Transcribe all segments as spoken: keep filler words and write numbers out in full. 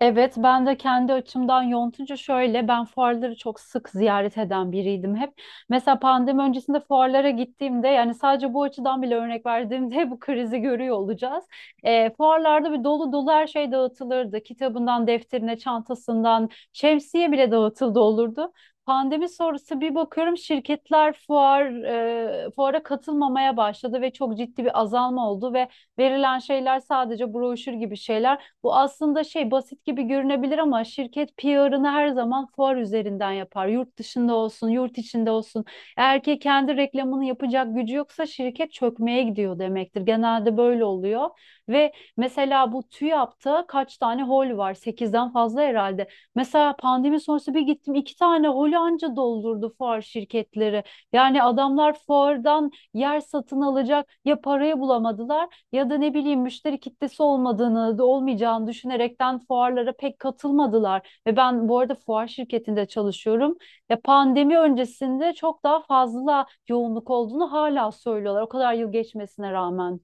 Evet, ben de kendi açımdan yontunca şöyle, ben fuarları çok sık ziyaret eden biriydim hep. Mesela pandemi öncesinde fuarlara gittiğimde, yani sadece bu açıdan bile örnek verdiğimde bu krizi görüyor olacağız. Ee, fuarlarda bir dolu dolu her şey dağıtılırdı. Kitabından, defterine, çantasından, şemsiye bile dağıtıldı olurdu. Pandemi sonrası bir bakıyorum şirketler fuar e, fuara katılmamaya başladı ve çok ciddi bir azalma oldu ve verilen şeyler sadece broşür gibi şeyler. Bu aslında şey basit gibi görünebilir ama şirket P R'ını her zaman fuar üzerinden yapar. Yurt dışında olsun, yurt içinde olsun. Eğer ki kendi reklamını yapacak gücü yoksa şirket çökmeye gidiyor demektir. Genelde böyle oluyor. Ve mesela bu TÜYAP'ta kaç tane hol var? Sekizden fazla herhalde. Mesela pandemi sonrası bir gittim iki tane holü anca doldurdu fuar şirketleri. Yani adamlar fuardan yer satın alacak ya parayı bulamadılar ya da ne bileyim müşteri kitlesi olmadığını, olmayacağını düşünerekten fuarlara pek katılmadılar. Ve ben bu arada fuar şirketinde çalışıyorum. Ya pandemi öncesinde çok daha fazla yoğunluk olduğunu hala söylüyorlar. O kadar yıl geçmesine rağmen.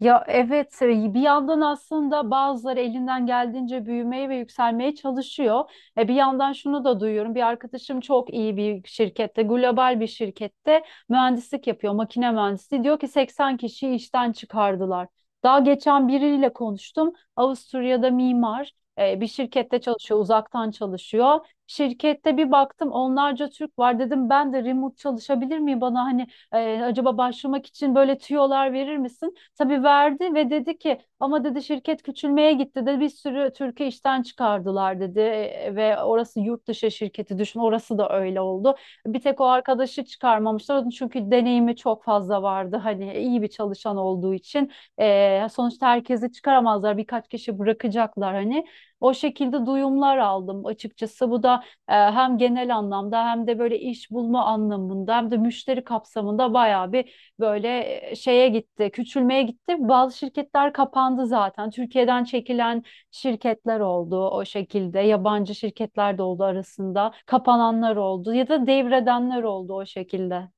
Ya evet e, bir yandan aslında bazıları elinden geldiğince büyümeye ve yükselmeye çalışıyor. E, bir yandan şunu da duyuyorum. Bir arkadaşım çok iyi bir şirkette, global bir şirkette mühendislik yapıyor, makine mühendisliği. Diyor ki seksen kişiyi işten çıkardılar. Daha geçen biriyle konuştum. Avusturya'da mimar e, bir şirkette çalışıyor, uzaktan çalışıyor. Şirkette bir baktım onlarca Türk var dedim ben de remote çalışabilir miyim bana hani e, acaba başlamak için böyle tüyolar verir misin? Tabii verdi ve dedi ki ama dedi şirket küçülmeye gitti de bir sürü Türkiye işten çıkardılar dedi. E, e, ve orası yurt dışı şirketi düşün orası da öyle oldu. Bir tek o arkadaşı çıkarmamışlar onun çünkü deneyimi çok fazla vardı hani e, iyi bir çalışan olduğu için. E, sonuçta herkesi çıkaramazlar birkaç kişi bırakacaklar hani, o şekilde duyumlar aldım açıkçası. Bu da e, hem genel anlamda hem de böyle iş bulma anlamında hem de müşteri kapsamında bayağı bir böyle şeye gitti, küçülmeye gitti. Bazı şirketler kapandı zaten. Türkiye'den çekilen şirketler oldu o şekilde. Yabancı şirketler de oldu arasında. Kapananlar oldu ya da devredenler oldu o şekilde.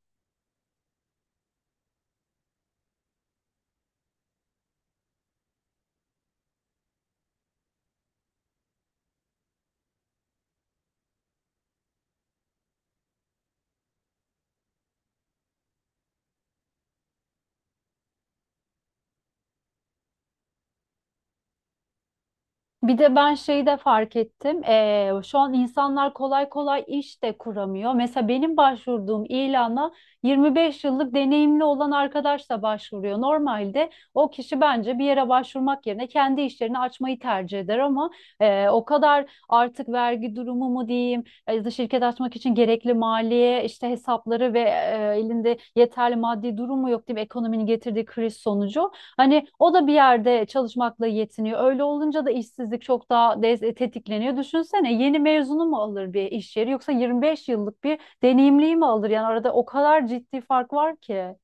Bir de ben şeyi de fark ettim. Eee, şu an insanlar kolay kolay iş de kuramıyor. Mesela benim başvurduğum ilana yirmi beş yıllık deneyimli olan arkadaş da başvuruyor. Normalde o kişi bence bir yere başvurmak yerine kendi işlerini açmayı tercih eder ama eee, o kadar artık vergi durumu mu diyeyim, e, ya da şirket açmak için gerekli maliye işte hesapları ve eee, elinde yeterli maddi durumu yok diyeyim ekonominin getirdiği kriz sonucu. Hani o da bir yerde çalışmakla yetiniyor. Öyle olunca da işsizlik çok daha de- tetikleniyor. Düşünsene yeni mezunu mu alır bir iş yeri yoksa yirmi beş yıllık bir deneyimliyi mi alır? Yani arada o kadar ciddi fark var ki.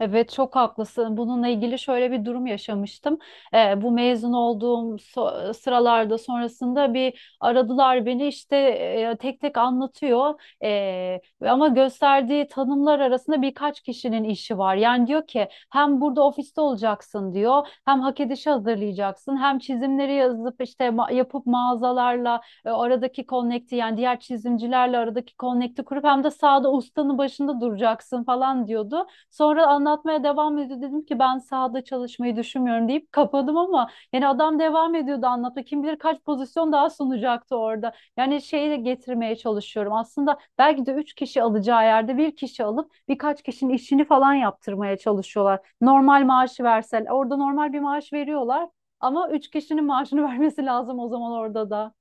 Evet çok haklısın. Bununla ilgili şöyle bir durum yaşamıştım. Ee, bu mezun olduğum so- sıralarda sonrasında bir aradılar beni işte e, tek tek anlatıyor. Ee, ama gösterdiği tanımlar arasında birkaç kişinin işi var. Yani diyor ki hem burada ofiste olacaksın diyor. Hem hak edişi hazırlayacaksın. Hem çizimleri yazıp işte ma- yapıp mağazalarla e, aradaki connect'i yani diğer çizimcilerle aradaki connect'i kurup hem de sahada ustanın başında duracaksın falan diyordu. Sonra anlatmaya devam ediyor. Dedim ki ben sahada çalışmayı düşünmüyorum deyip kapadım ama yani adam devam ediyordu anlatmaya. Kim bilir kaç pozisyon daha sunacaktı orada. Yani şeyi de getirmeye çalışıyorum. Aslında belki de üç kişi alacağı yerde bir kişi alıp birkaç kişinin işini falan yaptırmaya çalışıyorlar. Normal maaşı versen orada normal bir maaş veriyorlar ama üç kişinin maaşını vermesi lazım o zaman orada da.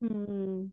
Hmm.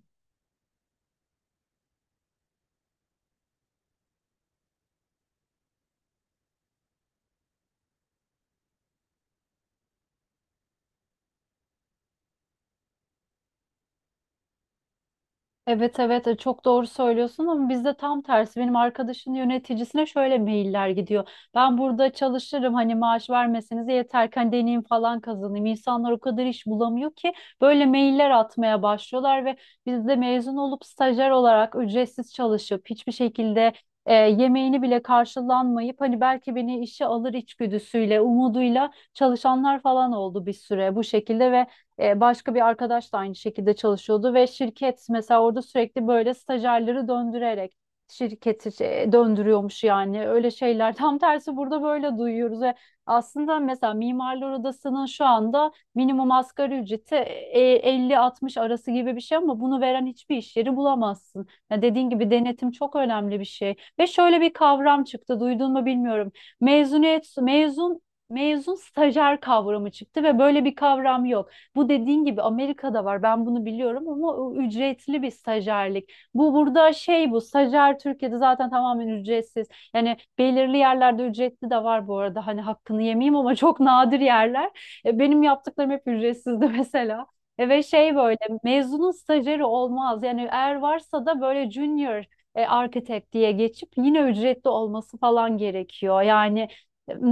Evet evet e, çok doğru söylüyorsun ama bizde tam tersi benim arkadaşın yöneticisine şöyle mailler gidiyor. Ben burada çalışırım hani maaş vermeseniz yeter ki hani deneyim falan kazanayım. İnsanlar o kadar iş bulamıyor ki böyle mailler atmaya başlıyorlar ve biz de mezun olup stajyer olarak ücretsiz çalışıp hiçbir şekilde e, yemeğini bile karşılanmayıp hani belki beni işe alır içgüdüsüyle umuduyla çalışanlar falan oldu bir süre bu şekilde ve e, başka bir arkadaş da aynı şekilde çalışıyordu ve şirket mesela orada sürekli böyle stajyerleri döndürerek şirketi e, döndürüyormuş yani öyle şeyler. Tam tersi burada böyle duyuyoruz ve aslında mesela Mimarlar Odası'nın şu anda minimum asgari ücreti e, elli altmış arası gibi bir şey ama bunu veren hiçbir iş yeri bulamazsın. Ya dediğin gibi denetim çok önemli bir şey. Ve şöyle bir kavram çıktı, duydun mu bilmiyorum. Mezuniyet, mezun, mezun stajyer kavramı çıktı ve böyle bir kavram yok. Bu dediğin gibi Amerika'da var. Ben bunu biliyorum ama o ücretli bir stajyerlik. Bu burada şey bu stajyer Türkiye'de zaten tamamen ücretsiz. Yani belirli yerlerde ücretli de var bu arada. Hani hakkını yemeyeyim ama çok nadir yerler. E, Benim yaptıklarım hep ücretsizdi mesela. E, Ve şey böyle mezunun stajyeri olmaz. Yani eğer varsa da böyle junior e, architect diye geçip yine ücretli olması falan gerekiyor. Yani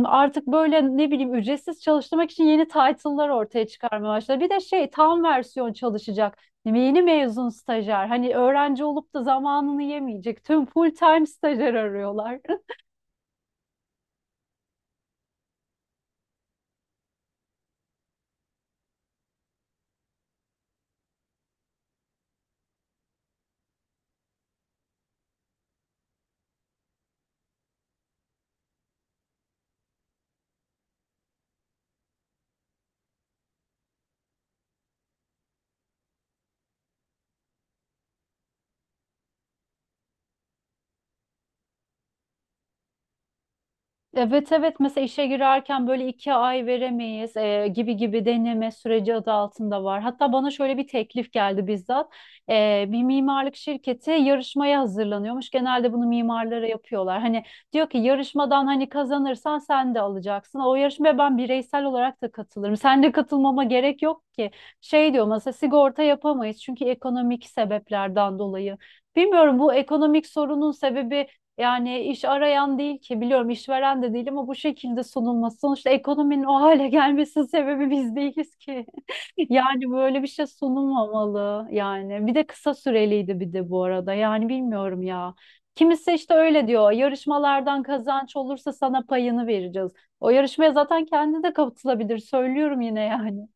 artık böyle ne bileyim ücretsiz çalıştırmak için yeni title'lar ortaya çıkarmaya başladı. Bir de şey tam versiyon çalışacak. Yeni mezun stajyer. Hani öğrenci olup da zamanını yemeyecek. Tüm full time stajyer arıyorlar. Evet evet mesela işe girerken böyle iki ay veremeyiz e, gibi gibi deneme süreci adı altında var. Hatta bana şöyle bir teklif geldi bizzat. E, bir mimarlık şirketi yarışmaya hazırlanıyormuş. Genelde bunu mimarlara yapıyorlar. Hani diyor ki yarışmadan hani kazanırsan sen de alacaksın. O yarışmaya ben bireysel olarak da katılırım. Sen de katılmama gerek yok ki. Şey diyor mesela sigorta yapamayız çünkü ekonomik sebeplerden dolayı. Bilmiyorum bu ekonomik sorunun sebebi yani iş arayan değil ki biliyorum işveren de değil ama bu şekilde sunulması sonuçta ekonominin o hale gelmesinin sebebi biz değiliz ki. Yani böyle bir şey sunulmamalı yani. Bir de kısa süreliydi bir de bu arada. Yani bilmiyorum ya. Kimisi işte öyle diyor. Yarışmalardan kazanç olursa sana payını vereceğiz. O yarışmaya zaten kendi de katılabilir. Söylüyorum yine yani.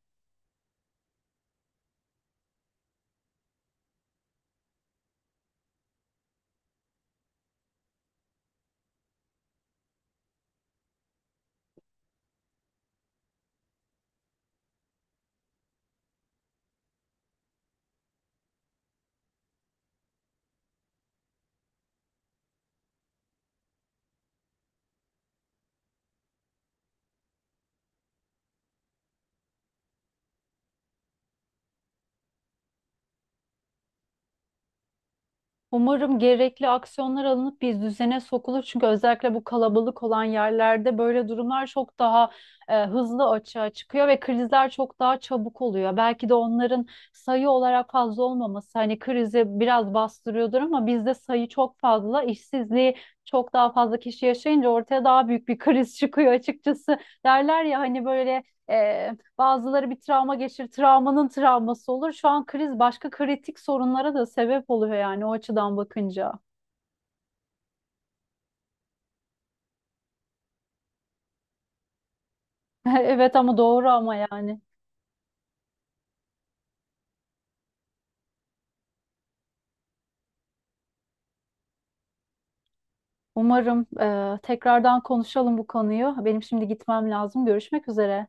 Umarım gerekli aksiyonlar alınıp bir düzene sokulur. Çünkü özellikle bu kalabalık olan yerlerde böyle durumlar çok daha e, hızlı açığa çıkıyor ve krizler çok daha çabuk oluyor. Belki de onların sayı olarak fazla olmaması hani krizi biraz bastırıyordur ama bizde sayı çok fazla, işsizliği çok daha fazla kişi yaşayınca ortaya daha büyük bir kriz çıkıyor açıkçası. Derler ya hani böyle e, bazıları bir travma geçirir, travmanın travması olur. Şu an kriz başka kritik sorunlara da sebep oluyor yani o açıdan bakınca. Evet ama doğru ama yani. Umarım e, tekrardan konuşalım bu konuyu. Benim şimdi gitmem lazım. Görüşmek üzere.